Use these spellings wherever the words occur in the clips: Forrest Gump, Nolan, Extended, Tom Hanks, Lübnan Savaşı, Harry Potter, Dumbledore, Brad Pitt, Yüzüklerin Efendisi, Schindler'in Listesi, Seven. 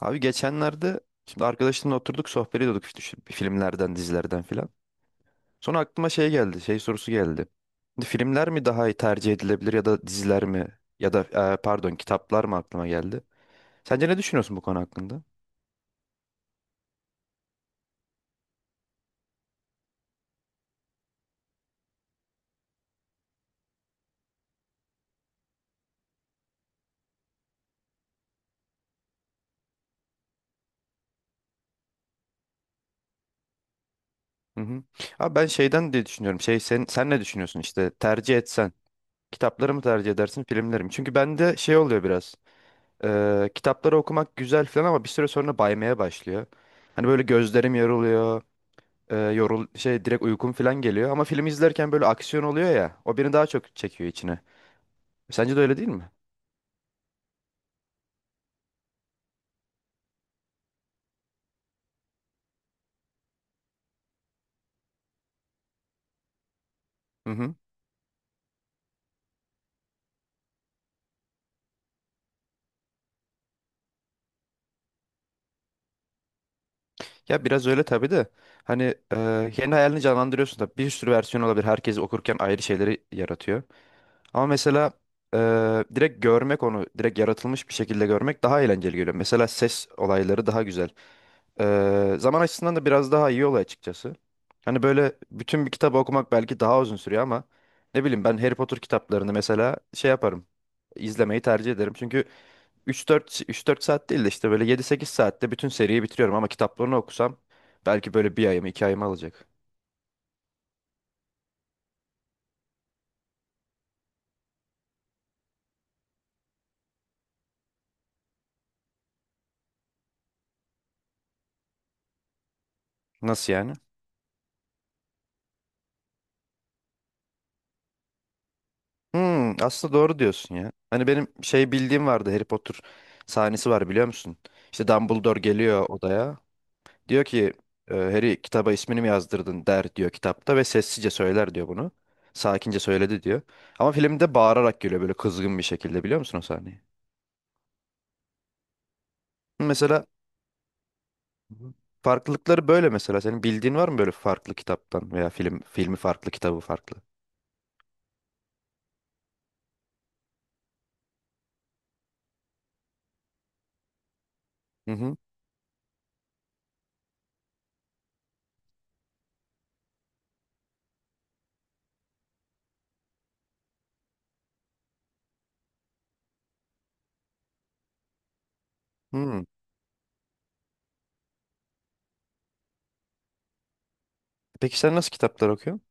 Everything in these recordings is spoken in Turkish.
Abi geçenlerde şimdi arkadaşımla oturduk sohbet ediyorduk işte şu filmlerden, dizilerden filan. Sonra aklıma şey geldi, şey sorusu geldi. Şimdi filmler mi daha iyi tercih edilebilir ya da diziler mi ya da pardon kitaplar mı aklıma geldi. Sence ne düşünüyorsun bu konu hakkında? Hı hı. Abi ben şeyden diye düşünüyorum. Şey sen ne düşünüyorsun işte tercih etsen kitapları mı tercih edersin filmleri mi? Çünkü bende şey oluyor biraz. Kitapları okumak güzel falan ama bir süre sonra baymaya başlıyor. Hani böyle gözlerim yoruluyor. E, yorul şey Direkt uykum falan geliyor. Ama film izlerken böyle aksiyon oluyor ya. O beni daha çok çekiyor içine. Sence de öyle değil mi? Hı hı. Ya biraz öyle tabii de. Hani kendi hayalini canlandırıyorsun da bir sürü versiyon olabilir. Herkes okurken ayrı şeyleri yaratıyor. Ama mesela direkt görmek onu, direkt yaratılmış bir şekilde görmek daha eğlenceli geliyor. Mesela ses olayları daha güzel. Zaman açısından da biraz daha iyi oluyor açıkçası. Hani böyle bütün bir kitabı okumak belki daha uzun sürüyor ama ne bileyim ben Harry Potter kitaplarını mesela şey yaparım. İzlemeyi tercih ederim. Çünkü 3-4 saat değil de işte böyle 7-8 saatte bütün seriyi bitiriyorum ama kitaplarını okusam belki böyle bir ayımı, iki ayımı alacak. Nasıl yani? Hmm, aslında doğru diyorsun ya. Hani benim şey bildiğim vardı. Harry Potter sahnesi var biliyor musun? İşte Dumbledore geliyor odaya. Diyor ki Harry kitaba ismini mi yazdırdın der diyor kitapta ve sessizce söyler diyor bunu. Sakince söyledi diyor. Ama filmde bağırarak geliyor böyle kızgın bir şekilde biliyor musun o sahneyi? Mesela. Hı. Farklılıkları böyle mesela. Senin bildiğin var mı böyle farklı kitaptan veya film filmi farklı kitabı farklı? Hı hı. Hmm. Peki sen nasıl kitaplar okuyorsun?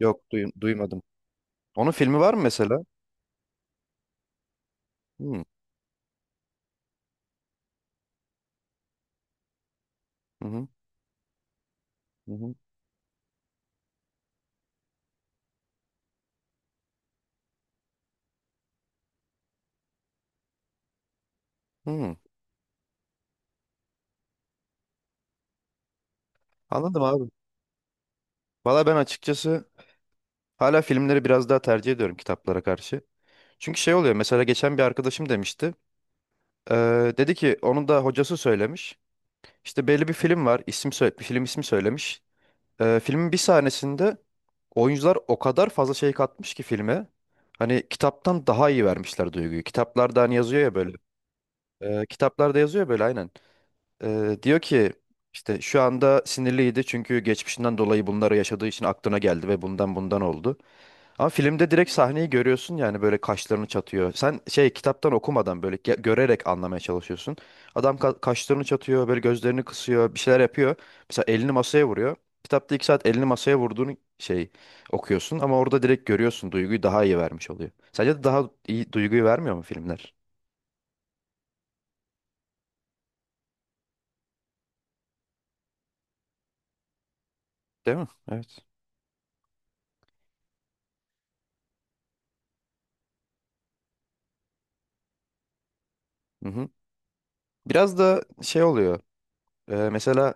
Yok duymadım. Onun filmi var mı mesela? Hmm. Hı hı, hı hı. Hı. Anladım abi. Valla ben açıkçası hala filmleri biraz daha tercih ediyorum kitaplara karşı. Çünkü şey oluyor mesela geçen bir arkadaşım demişti. Dedi ki onun da hocası söylemiş. İşte belli bir film var. İsim söyle, film ismi söylemiş. Filmin bir sahnesinde oyuncular o kadar fazla şey katmış ki filme. Hani kitaptan daha iyi vermişler duyguyu. Kitaplarda hani yazıyor ya böyle. Kitaplarda yazıyor böyle aynen. Diyor ki işte şu anda sinirliydi çünkü geçmişinden dolayı bunları yaşadığı için aklına geldi ve bundan oldu. Ama filmde direkt sahneyi görüyorsun yani böyle kaşlarını çatıyor. Sen şey kitaptan okumadan böyle görerek anlamaya çalışıyorsun. Adam kaşlarını çatıyor, böyle gözlerini kısıyor, bir şeyler yapıyor. Mesela elini masaya vuruyor. Kitapta 2 saat elini masaya vurduğunu şey okuyorsun ama orada direkt görüyorsun duyguyu daha iyi vermiş oluyor. Sence de daha iyi duyguyu vermiyor mu filmler? Değil mi? Evet. Hı hı. Biraz da şey oluyor. Mesela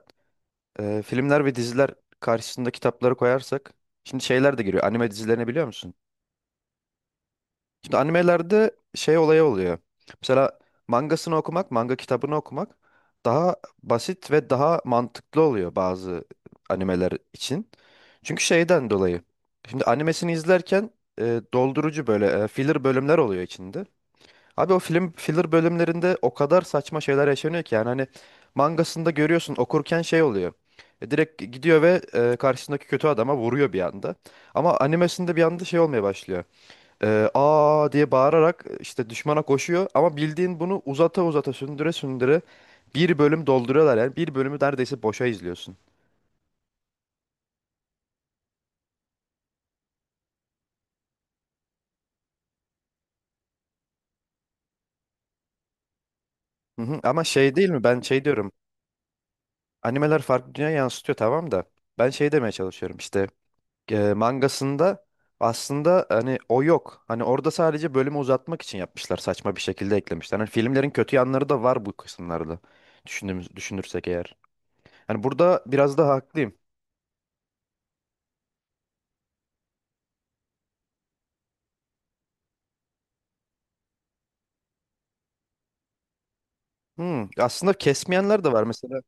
filmler ve diziler karşısında kitapları koyarsak şimdi şeyler de giriyor. Anime dizilerini biliyor musun? Şimdi animelerde şey olayı oluyor. Mesela mangasını okumak, manga kitabını okumak daha basit ve daha mantıklı oluyor bazı animeler için. Çünkü şeyden dolayı. Şimdi animesini izlerken doldurucu böyle filler bölümler oluyor içinde. Abi o film filler bölümlerinde o kadar saçma şeyler yaşanıyor ki yani hani mangasında görüyorsun okurken şey oluyor. Direkt gidiyor ve karşısındaki kötü adama vuruyor bir anda. Ama animesinde bir anda şey olmaya başlıyor. Aa diye bağırarak işte düşmana koşuyor ama bildiğin bunu uzata uzata sündüre sündüre bir bölüm dolduruyorlar yani bir bölümü neredeyse boşa izliyorsun. Hı hı. Ama şey değil mi ben şey diyorum animeler farklı dünya yansıtıyor tamam da ben şey demeye çalışıyorum işte mangasında aslında hani o yok. Hani orada sadece bölümü uzatmak için yapmışlar. Saçma bir şekilde eklemişler. Hani filmlerin kötü yanları da var bu kısımlarda. Düşündüğümüz, düşünürsek eğer. Hani burada biraz daha haklıyım. Hmm, aslında kesmeyenler de var mesela.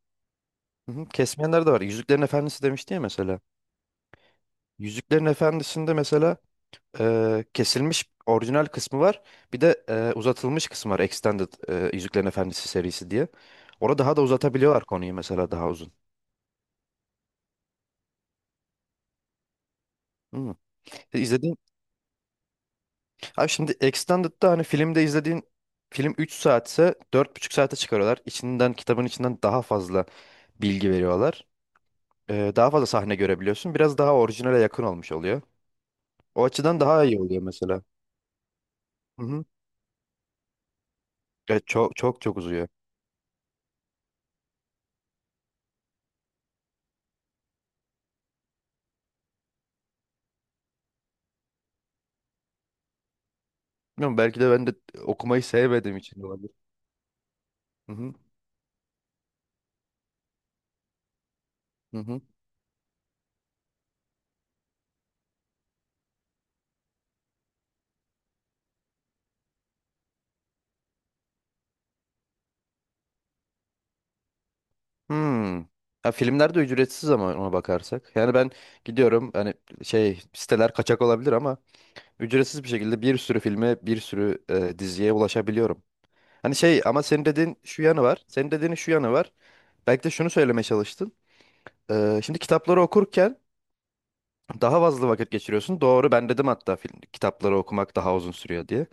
Hı hı, kesmeyenler de var. Yüzüklerin Efendisi demişti ya mesela. Yüzüklerin Efendisi'nde mesela kesilmiş orijinal kısmı var. Bir de uzatılmış kısmı var. Extended Yüzüklerin Efendisi serisi diye. Orada daha da uzatabiliyorlar konuyu mesela daha uzun. Hmm. E, İzledin, Abi şimdi Extended'da hani filmde izlediğin film 3 saatse 4,5 saate çıkarıyorlar. İçinden kitabın içinden daha fazla bilgi veriyorlar. Daha fazla sahne görebiliyorsun. Biraz daha orijinale yakın olmuş oluyor. O açıdan daha iyi oluyor mesela. Hı hı. Evet, çok çok çok uzuyor. Bilmiyorum, belki de ben de okumayı sevmediğim için olabilir. Hı hı. Hı hı. Hmm. Ha, filmler de ücretsiz ama ona bakarsak. Yani ben gidiyorum hani şey siteler kaçak olabilir ama ücretsiz bir şekilde bir sürü filme bir sürü diziye ulaşabiliyorum. Hani şey ama senin dediğin şu yanı var. Senin dediğin şu yanı var. Belki de şunu söylemeye çalıştın. Şimdi kitapları okurken daha fazla vakit geçiriyorsun. Doğru ben dedim hatta film, kitapları okumak daha uzun sürüyor diye.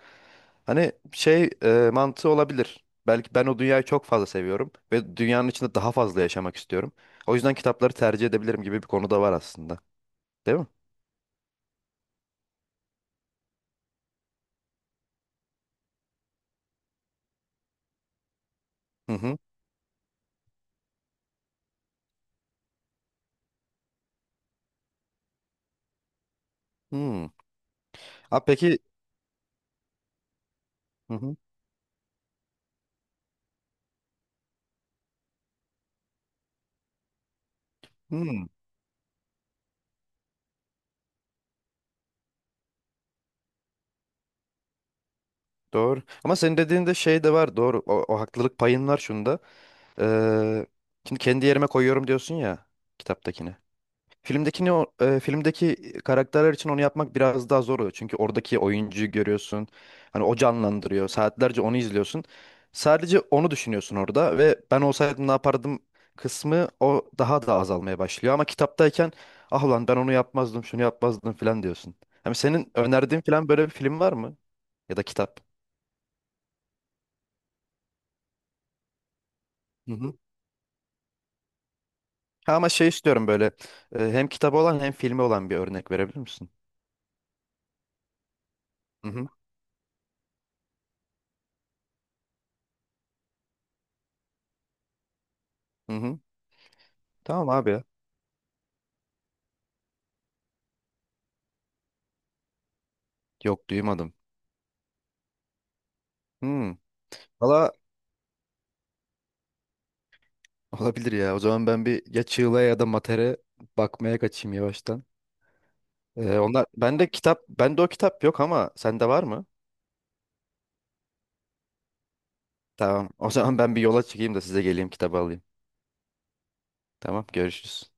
Hani şey mantığı olabilir. Belki ben o dünyayı çok fazla seviyorum ve dünyanın içinde daha fazla yaşamak istiyorum. O yüzden kitapları tercih edebilirim gibi bir konu da var aslında. Değil mi? Hı hı. Hmm. Ha peki. Hı hı. Hmm. Doğru. Ama senin dediğinde şey de var. Doğru. O haklılık payın var şunda. Ee, Şimdi kendi yerime koyuyorum diyorsun ya kitaptakini. Filmdekini filmdeki karakterler için onu yapmak biraz daha zor oluyor. Çünkü oradaki oyuncuyu görüyorsun. Hani o canlandırıyor. Saatlerce onu izliyorsun. Sadece onu düşünüyorsun orada ve ben olsaydım ne yapardım kısmı o daha da azalmaya başlıyor. Ama kitaptayken ah ulan ben onu yapmazdım, şunu yapmazdım falan diyorsun. Hani senin önerdiğin falan böyle bir film var mı? Ya da kitap. Hı hı. Ha, ama şey istiyorum böyle hem kitabı olan hem filmi olan bir örnek verebilir misin? Hı hı, hı hı. Tamam abi ya. Yok duymadım. Hmm. Valla olabilir ya. O zaman ben bir ya Çığla'ya ya da Mater'e bakmaya kaçayım yavaştan. Onlar bende kitap bende o kitap yok ama sende var mı? Tamam. O zaman ben bir yola çıkayım da size geleyim kitabı alayım. Tamam görüşürüz.